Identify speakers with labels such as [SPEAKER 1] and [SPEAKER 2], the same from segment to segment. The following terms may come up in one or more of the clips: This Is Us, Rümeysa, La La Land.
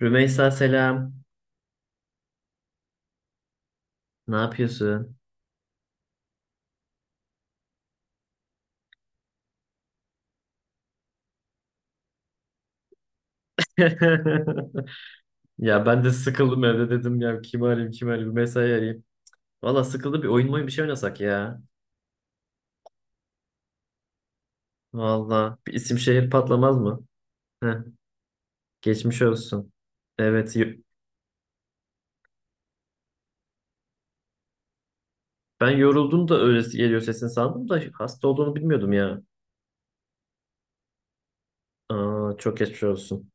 [SPEAKER 1] Rümeysa selam. Ne yapıyorsun? Ya ben de sıkıldım evde dedim ya kimi arayayım kimi arayayım Rümeysa'yı arayayım. Valla sıkıldı bir oyun bir şey oynasak ya. Valla bir isim şehir patlamaz mı? Heh, geçmiş olsun. Evet ben yoruldum da öyle geliyor sesin sandım da hasta olduğunu bilmiyordum ya. Aa, çok geçmiş olsun.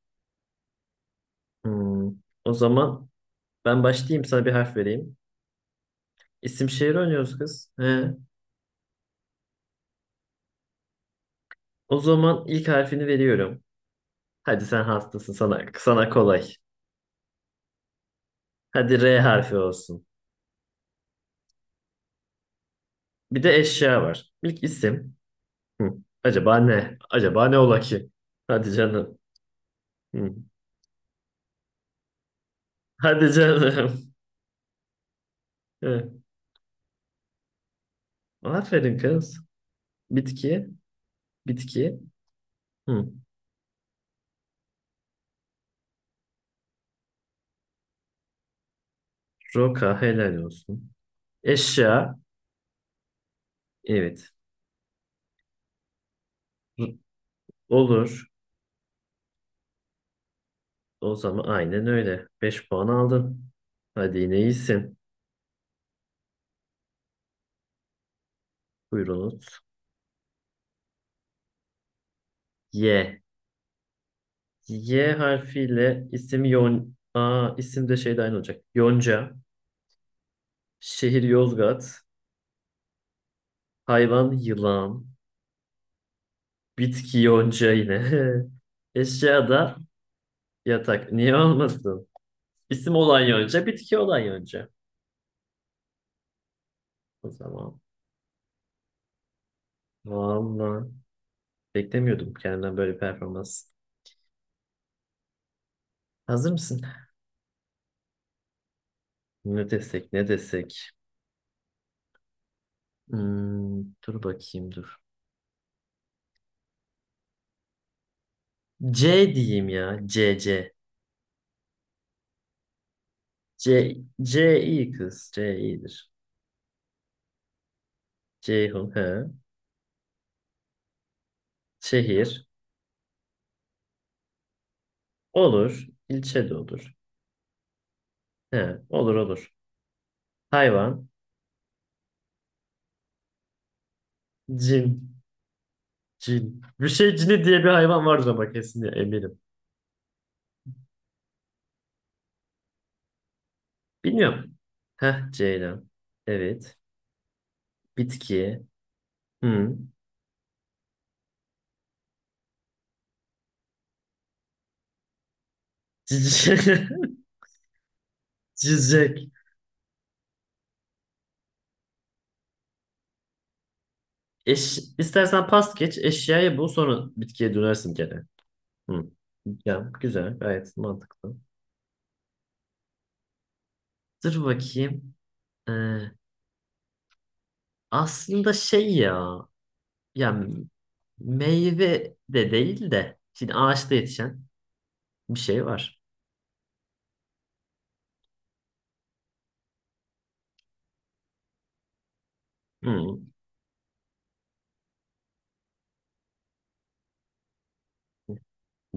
[SPEAKER 1] Hmm. O zaman ben başlayayım sana bir harf vereyim. İsim şehir oynuyoruz kız. He. O zaman ilk harfini veriyorum. Hadi sen hastasın sana kolay. Hadi R harfi olsun. Bir de eşya var. İlk isim. Hı. Acaba ne? Acaba ne ola ki? Hadi canım. Hı. Hadi canım. Hı. Aferin kız. Bitki. Bitki. Hı. Roka helal olsun. Eşya. Evet. Hı. Olur. O zaman aynen öyle. 5 puan aldın. Hadi yine iyisin. Buyurunuz. Y. Y harfiyle isim Yon... Aa, isim de şeyde aynı olacak. Yonca. Şehir Yozgat. Hayvan yılan. Bitki yonca yine. Eşya da yatak. Niye olmasın? İsim olan yonca, bitki olan yonca. O zaman. Vallahi beklemiyordum kendimden böyle bir performans. Hazır mısın? Ne desek, ne desek? Hmm, dur bakayım dur. C diyeyim ya. C C. C C iyi kız. C iyidir. Ceyhun he. Şehir olur. İlçe de olur. He, olur olur. Hayvan. Cin. Cin. Bir şey cini diye bir hayvan vardır ama kesin ya, eminim. Bilmiyorum. Heh Ceylan. Evet. Bitki. Hı. Cici- Cicek. Eş, istersen pas geç. Eşyayı bul sonra bitkiye dönersin gene. Hı. Ya, güzel. Gayet mantıklı. Dur bakayım. Ee, aslında şey ya. Ya meyve de değil de. Şimdi ağaçta yetişen bir şey var. Hı.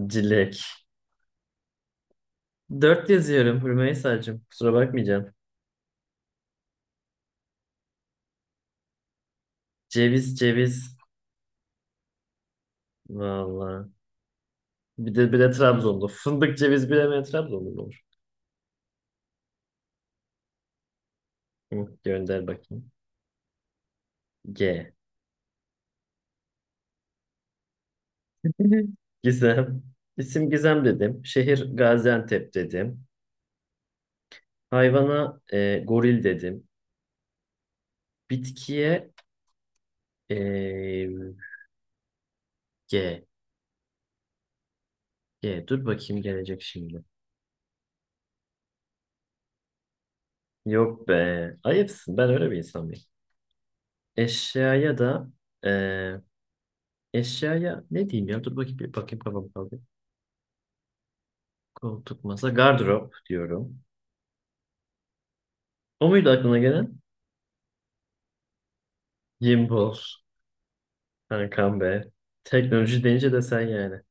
[SPEAKER 1] Cilek. Dört yazıyorum Rümeysa'cığım. Kusura bakmayacağım. Ceviz ceviz. Valla. Bir de Trabzonlu. Fındık ceviz bilemeyen Trabzonlu mu olur? Hı, gönder bakayım. G. Gizem. İsim Gizem dedim. Şehir Gaziantep dedim. Hayvana goril dedim. Bitkiye e, G. G. Dur bakayım gelecek şimdi. Yok be. Ayıpsın. Ben öyle bir insan mıyım? Eşyaya da e, Eşyaya ne diyeyim ya? Dur bakayım bir bakayım kafam kaldı. Koltuk, masa, gardırop diyorum. O muydu aklına gelen? Gimbal, kankam be. Teknoloji deyince de sen yani.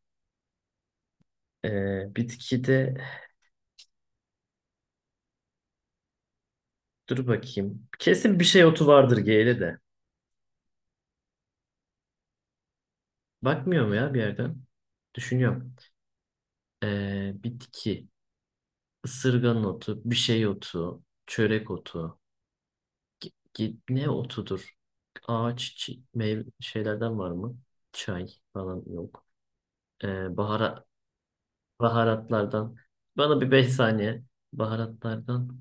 [SPEAKER 1] Bitkide dur bakayım. Kesin bir şey otu vardır G'li de. Bakmıyor mu ya bir yerden? Düşünüyorum. Bitki, ısırgan otu, bir şey otu, çörek otu. Git ne otudur? Ağaç, meyve şeylerden var mı? Çay falan yok. Ee, bahara- Baharatlardan. Bana bir 5 saniye. Baharatlardan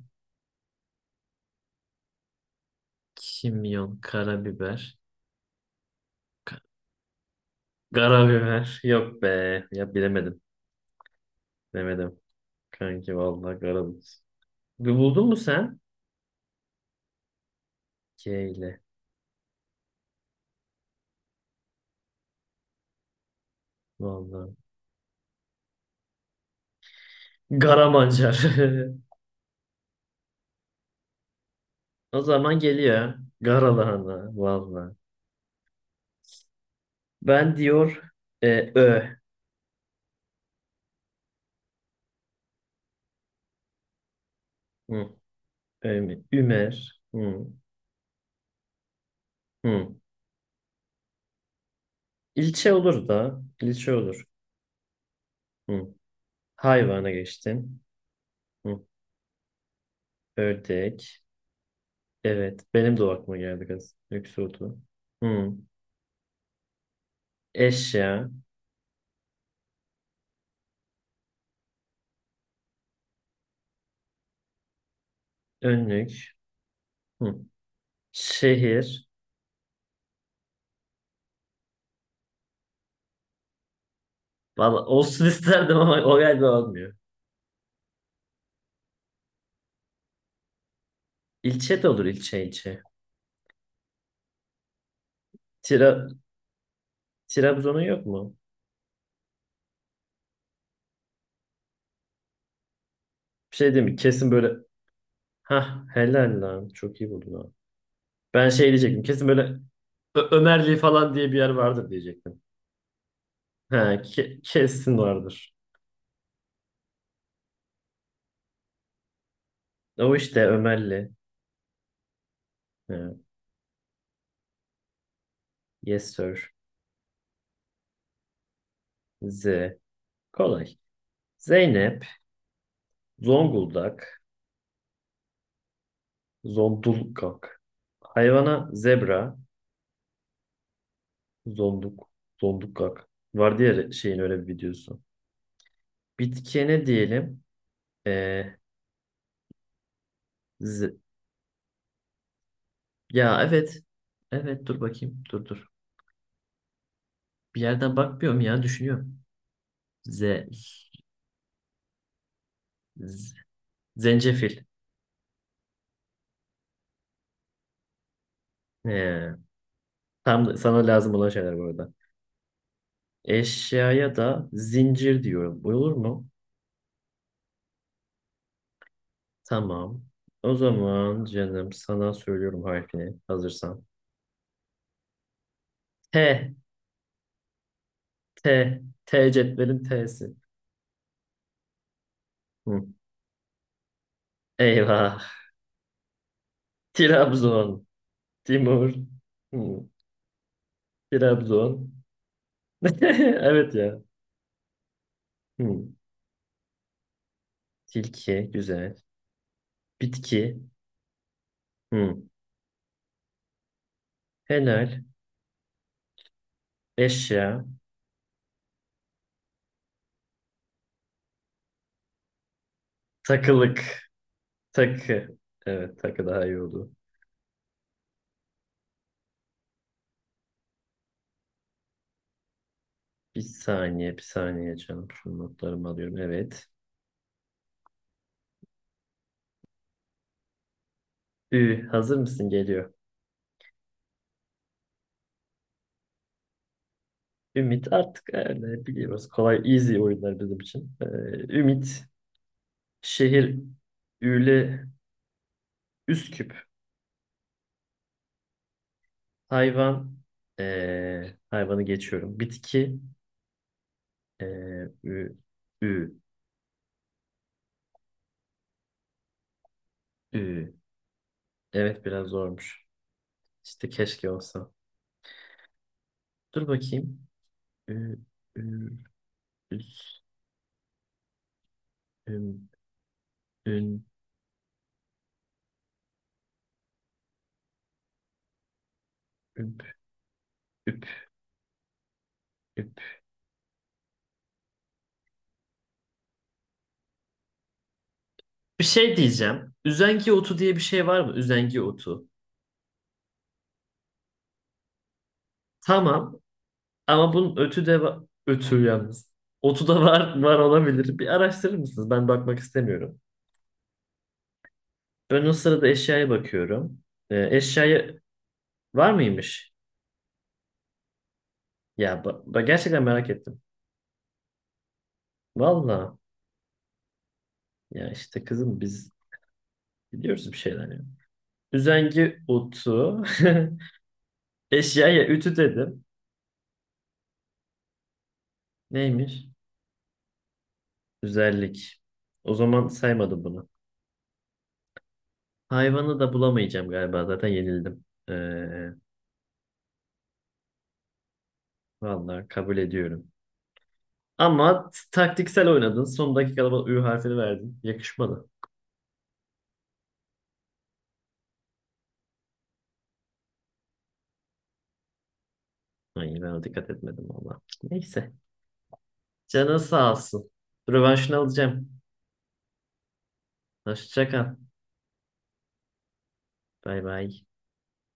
[SPEAKER 1] kimyon, karabiber. Ka- Karabiber. Yok be. Ya bilemedim. Bilemedim. Kanki vallahi karabiber. Bir buldun mu sen? K ile. Vallahi. Garamancar. O zaman geliyor. Garalahana. Vallahi. Ben diyor e, Ö. Hı. Ö mi? Ümer. Hı. Hı. İlçe olur da. İlçe olur. Hı. Hayvana geçtim. Hı. Ördek. Evet. Benim de o aklıma geldi kız. Lüks otu. Hı. Eşya. Önlük. Hı. Şehir. Valla olsun isterdim ama o galiba olmuyor. İlçe de olur ilçe ilçe. Tira, Trabzon'un yok mu? Bir şey diyeyim mi? Kesin böyle ha helal lan. Çok iyi buldun ha. Ben şey diyecektim. Kesin böyle Ömerli falan diye bir yer vardır diyecektim. Ha kesin vardır. O işte Ömerli. Ha, yes sir. Z. Kolay. Zeynep. Zonguldak, Zondullgak. Hayvana zebra, zonduk, zondullgak. Var diğer şeyin öyle bir videosu. Bitkiye ne diyelim? Ee, ze- ya evet. Evet dur bakayım. Dur dur. Bir yerden bakmıyorum ya düşünüyorum. Ze, z- zencefil. Ee, sana lazım olan şeyler bu arada. Eşyaya da zincir diyorum. Olur mu? Tamam. O zaman canım sana söylüyorum harfini hazırsan. T T. T cetvelin T'si. Hı. Eyvah. Trabzon. Timur. Hı. Trabzon. Evet ya. Hı. Tilki. Güzel. Bitki. Hı. Helal. Eşya. Takılık. Takı. Evet takı daha iyi oldu. Bir saniye bir saniye canım. Şu notlarımı alıyorum. Evet. Ü. Hazır mısın? Geliyor. Ümit artık öyle biliyoruz. Kolay easy oyunlar bizim için. Ümit. Şehir. Üyle Üst küp. Hayvan. Hayvanı geçiyorum. Bitki. Ü, ü, ü. Evet biraz zormuş. İşte keşke olsa. Dur bakayım. Ü, ü, üs, üm, ün, üp, üp, üp. Bir şey diyeceğim. Üzengi otu diye bir şey var mı? Üzengi otu. Tamam. Ama bunun ötü de var. Ötü yalnız. Otu da var, var olabilir. Bir araştırır mısınız? Ben bakmak istemiyorum. Ben o sırada eşyaya bakıyorum. Eşyaya Var mıymış? Ya gerçekten merak ettim. Valla ya işte kızım biz biliyoruz bir şeyler ya. Üzengi utu. Eşyaya ütü dedim. Neymiş? Güzellik. O zaman saymadım bunu. Hayvanı da bulamayacağım galiba zaten yenildim. Valla kabul ediyorum. Ama taktiksel oynadın. Son dakikada bana Ü harfini verdin. Yakışmadı. Ay ben ona dikkat etmedim valla. Neyse. Canın sağ olsun. Rövanşını alacağım. Hoşça kal. Bay bay.